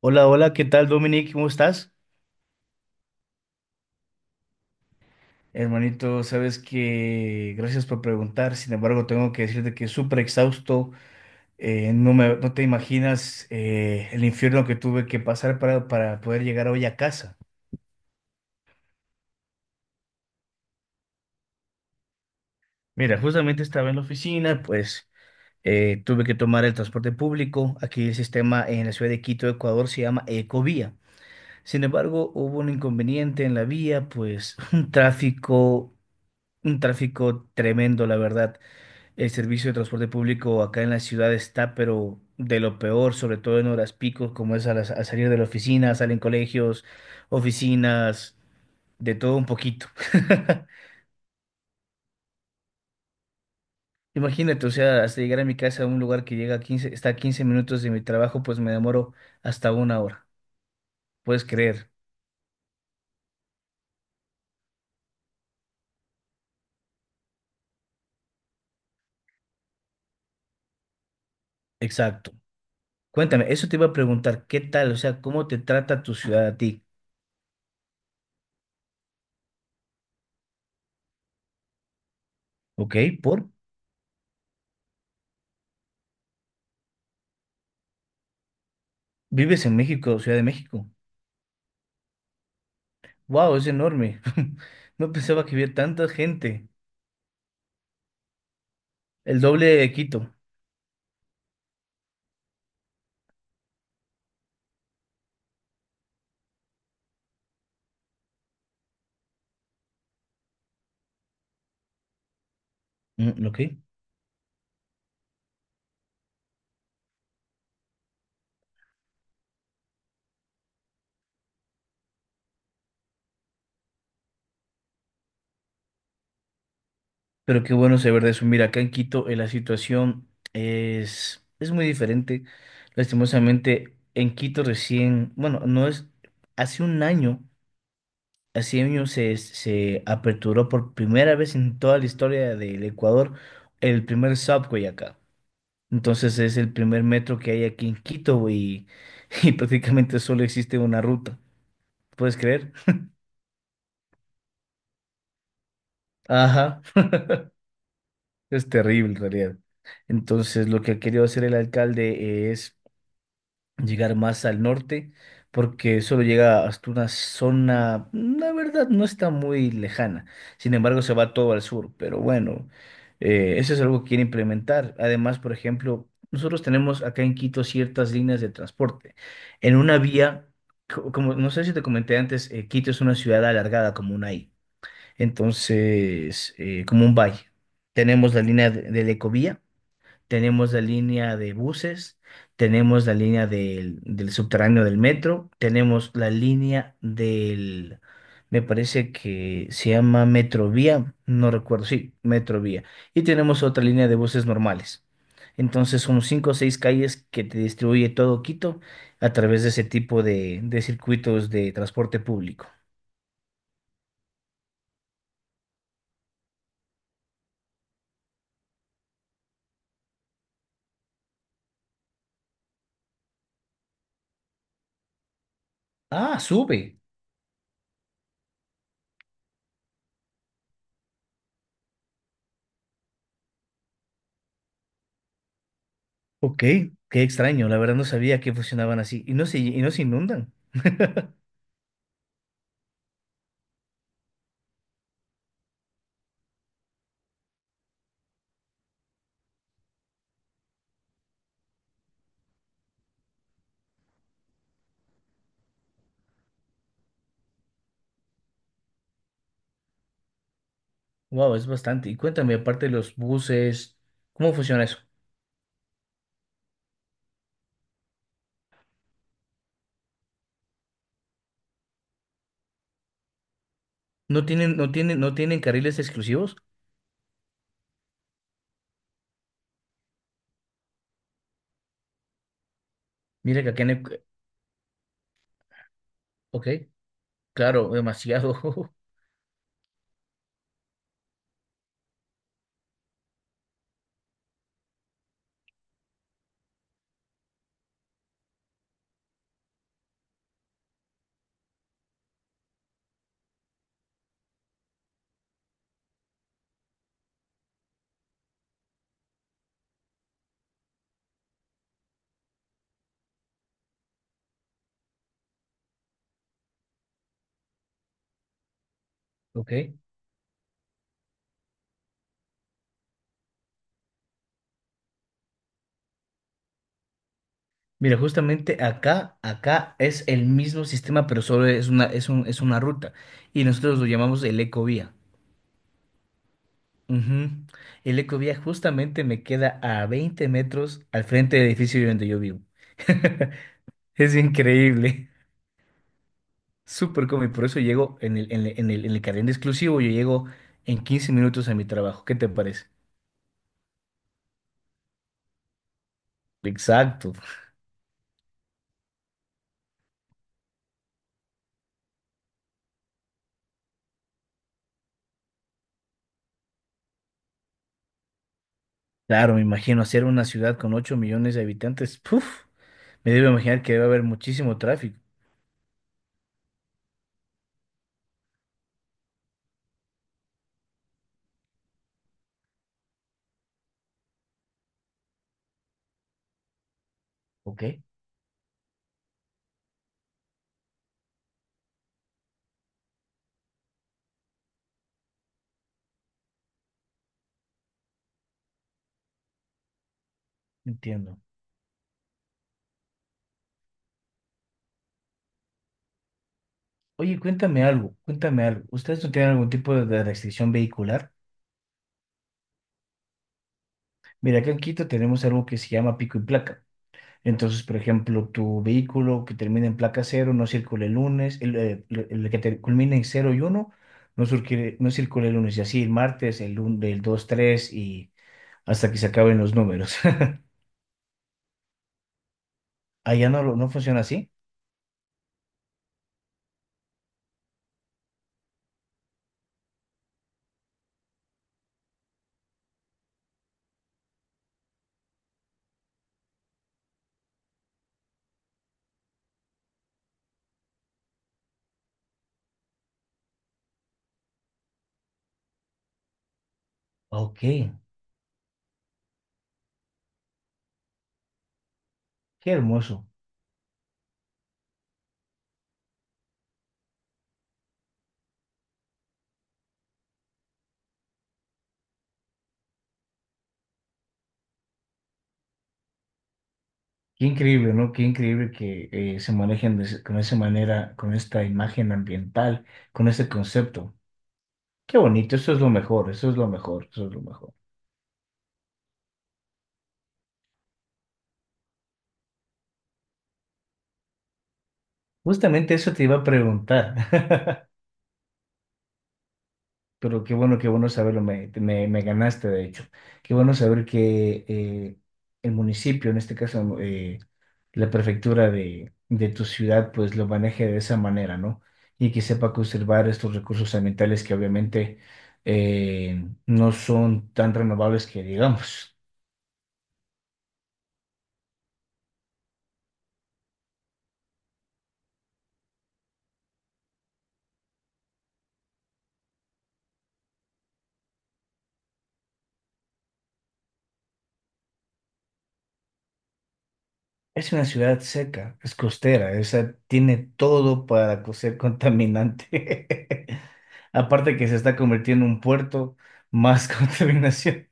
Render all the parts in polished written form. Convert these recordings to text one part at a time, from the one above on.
Hola, hola, ¿qué tal, Dominic? ¿Cómo estás? Hermanito, sabes que gracias por preguntar. Sin embargo, tengo que decirte que es súper exhausto. No te imaginas el infierno que tuve que pasar para poder llegar hoy a casa. Mira, justamente estaba en la oficina, pues tuve que tomar el transporte público. Aquí el sistema en la ciudad de Quito, Ecuador, se llama Ecovía. Sin embargo, hubo un inconveniente en la vía, pues un tráfico tremendo, la verdad. El servicio de transporte público acá en la ciudad está, pero de lo peor, sobre todo en horas picos, como es al salir de la oficina, salen colegios, oficinas, de todo un poquito. Imagínate, o sea, hasta llegar a mi casa a un lugar que llega a 15 está a 15 minutos de mi trabajo, pues me demoro hasta una hora. Puedes creer. Exacto. Cuéntame, eso te iba a preguntar, ¿qué tal? O sea, ¿cómo te trata tu ciudad a ti? ¿Ok? ¿Por? ¿Vives en México, Ciudad de México? ¡Wow! Es enorme. No pensaba que hubiera tanta gente. El doble de Quito. Mm, ok. Pero qué bueno saber de eso. Mira, acá en Quito la situación es muy diferente. Lastimosamente, en Quito recién, bueno, no es, hace un año, hace años se aperturó por primera vez en toda la historia del Ecuador el primer subway acá. Entonces es el primer metro que hay aquí en Quito y prácticamente solo existe una ruta. ¿Puedes creer? Ajá. Es terrible en realidad. Entonces, lo que ha querido hacer el alcalde es llegar más al norte, porque solo llega hasta una zona, la verdad, no está muy lejana. Sin embargo, se va todo al sur. Pero bueno, eso es algo que quiere implementar. Además, por ejemplo, nosotros tenemos acá en Quito ciertas líneas de transporte. En una vía, como no sé si te comenté antes, Quito es una ciudad alargada como una I. Entonces, como un valle. Tenemos la línea de la Ecovía, tenemos la línea de buses, tenemos la línea del subterráneo del metro, tenemos la línea me parece que se llama Metrovía, no recuerdo, sí, Metrovía. Y tenemos otra línea de buses normales. Entonces son cinco o seis calles que te distribuye todo Quito a través de ese tipo de circuitos de transporte público. Ah, sube. Ok, qué extraño, la verdad no sabía que funcionaban así y no se inundan. Wow, es bastante. Y cuéntame, aparte de los buses, ¿cómo funciona eso? ¿No tienen, no tienen, no tienen carriles exclusivos? Mira que acá en el— Ok, claro, demasiado. Ok. Mira, justamente acá es el mismo sistema, pero solo es una ruta. Y nosotros lo llamamos el Ecovía. Ujú. El Ecovía justamente me queda a 20 metros al frente del edificio donde yo vivo. Es increíble, súper cómodo. Y por eso llego en el carril exclusivo, yo llego en 15 minutos a mi trabajo. ¿Qué te parece? Exacto. Claro, me imagino hacer una ciudad con 8 millones de habitantes. Puf, me debo imaginar que debe haber muchísimo tráfico. Ok, entiendo. Oye, cuéntame algo, cuéntame algo. ¿Ustedes no tienen algún tipo de restricción vehicular? Mira, acá en Quito tenemos algo que se llama pico y placa. Entonces, por ejemplo, tu vehículo que termina en placa cero no circula el lunes, culmina en cero y uno no, no circula el lunes, y así el martes, el 2 3 y hasta que se acaben los números. Allá no, no funciona así. Ok, qué hermoso. Qué increíble, ¿no? Qué increíble que se manejen con esa manera, con esta imagen ambiental, con ese concepto. Qué bonito, eso es lo mejor, eso es lo mejor, eso es lo mejor. Justamente eso te iba a preguntar. Pero qué bueno saberlo, me ganaste de hecho. Qué bueno saber que el municipio, en este caso la prefectura de tu ciudad, pues lo maneje de esa manera, ¿no? Y que sepa conservar estos recursos ambientales que obviamente no son tan renovables que digamos. Es una ciudad seca, es costera, esa tiene todo para ser contaminante. Aparte que se está convirtiendo en un puerto, más contaminación.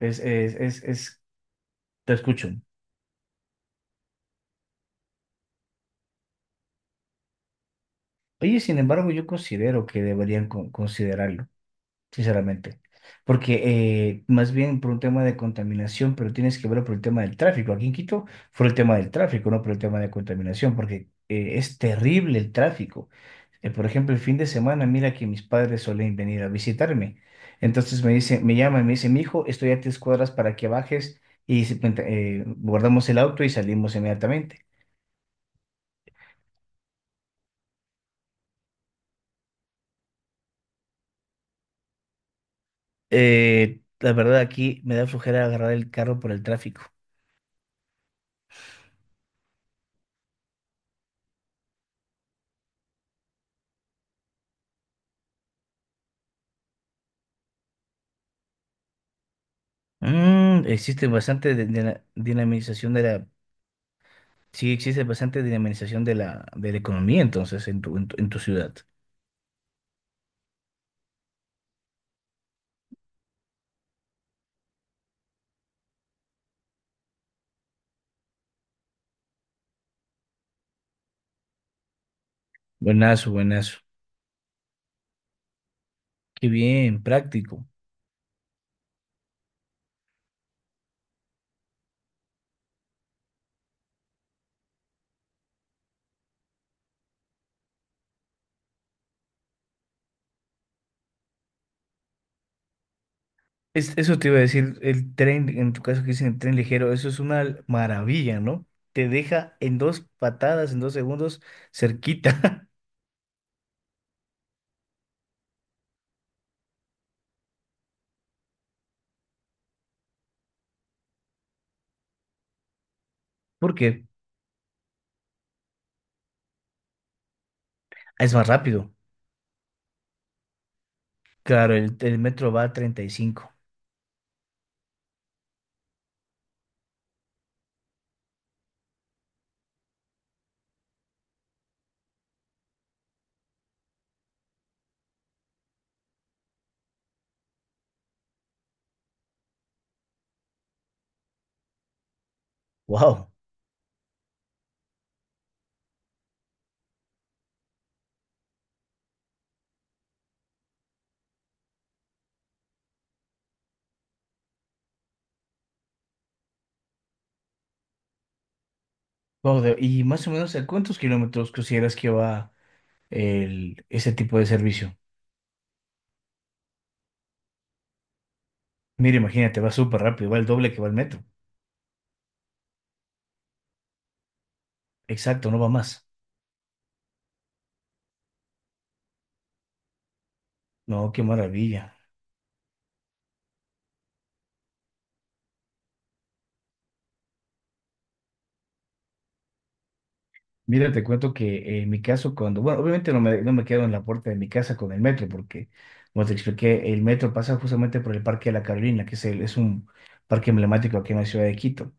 Es, es, es, es- te escucho. Oye, sin embargo, yo considero que deberían considerarlo, sinceramente. Porque más bien por un tema de contaminación, pero tienes que verlo por el tema del tráfico. Aquí en Quito fue el tema del tráfico, no por el tema de contaminación, porque es terrible el tráfico. Por ejemplo, el fin de semana, mira que mis padres suelen venir a visitarme. Entonces me dicen, me llaman, me dicen, mi hijo, estoy a 3 cuadras para que bajes y guardamos el auto y salimos inmediatamente. La verdad, aquí me da flojera agarrar el carro por el tráfico. Existe bastante de la dinamización de la— Sí, existe bastante dinamización de la economía, entonces, en tu ciudad. Buenazo, buenazo. Qué bien, práctico. Eso te iba a decir, el tren, en tu caso que dicen el tren ligero, eso es una maravilla, ¿no? Te deja en dos patadas, en 2 segundos, cerquita. Porque— Es más rápido. Claro, el metro va a 35. ¡Wow! Wow, y más o menos, ¿a cuántos kilómetros consideras que va ese tipo de servicio? Mira, imagínate, va súper rápido, va el doble que va el metro. Exacto, no va más. No, qué maravilla. Mira, te cuento que en mi caso, cuando, bueno, obviamente no me quedo en la puerta de mi casa con el metro, porque, como te expliqué, el metro pasa justamente por el Parque de la Carolina, es un parque emblemático aquí en la ciudad de Quito.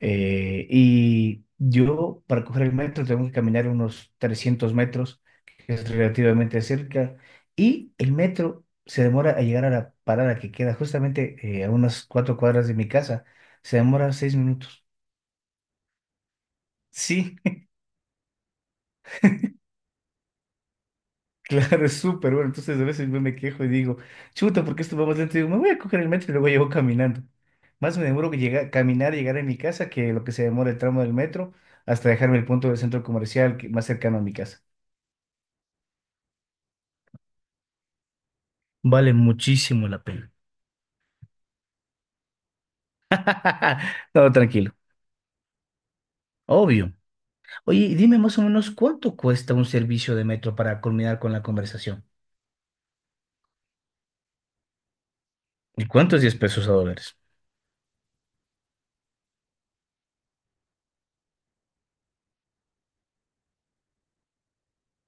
Y yo, para coger el metro, tengo que caminar unos 300 metros, que es relativamente cerca. Y el metro se demora a llegar a la parada que queda justamente a unas 4 cuadras de mi casa. Se demora 6 minutos. Sí, claro, es súper bueno. Entonces, a veces yo me quejo y digo, chuta, ¿por qué esto va más lento? Y digo, me voy a coger el metro y luego llevo caminando. Más me demoro que llegar, caminar y llegar a mi casa que lo que se demora el tramo del metro hasta dejarme el punto del centro comercial más cercano a mi casa. Vale muchísimo la pena. No, tranquilo, obvio. Oye, y dime más o menos cuánto cuesta un servicio de metro para culminar con la conversación. ¿Y cuánto es 10 pesos a dólares?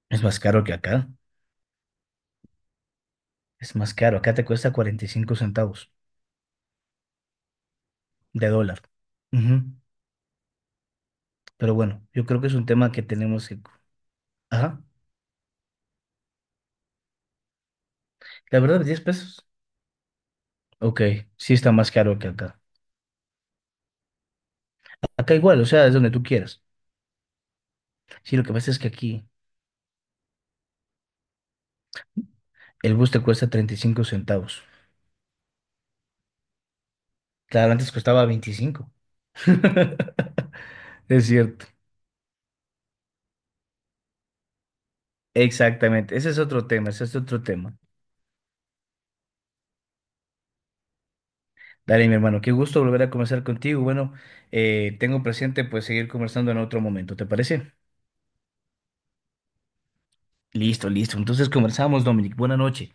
Es más caro que acá. Es más caro. Acá te cuesta 45 centavos de dólar. Ujú. Pero bueno, yo creo que es un tema que tenemos que— Ajá. La verdad, 10 pesos. Ok, sí está más caro que acá. Acá igual, o sea, es donde tú quieras. Sí, lo que pasa es que aquí el bus te cuesta 35 centavos. Claro, antes costaba 25. Es cierto. Exactamente. Ese es otro tema, ese es otro tema. Dale, mi hermano, qué gusto volver a conversar contigo. Bueno, tengo presente pues seguir conversando en otro momento, ¿te parece? Listo, listo. Entonces conversamos, Dominic. Buenas noches.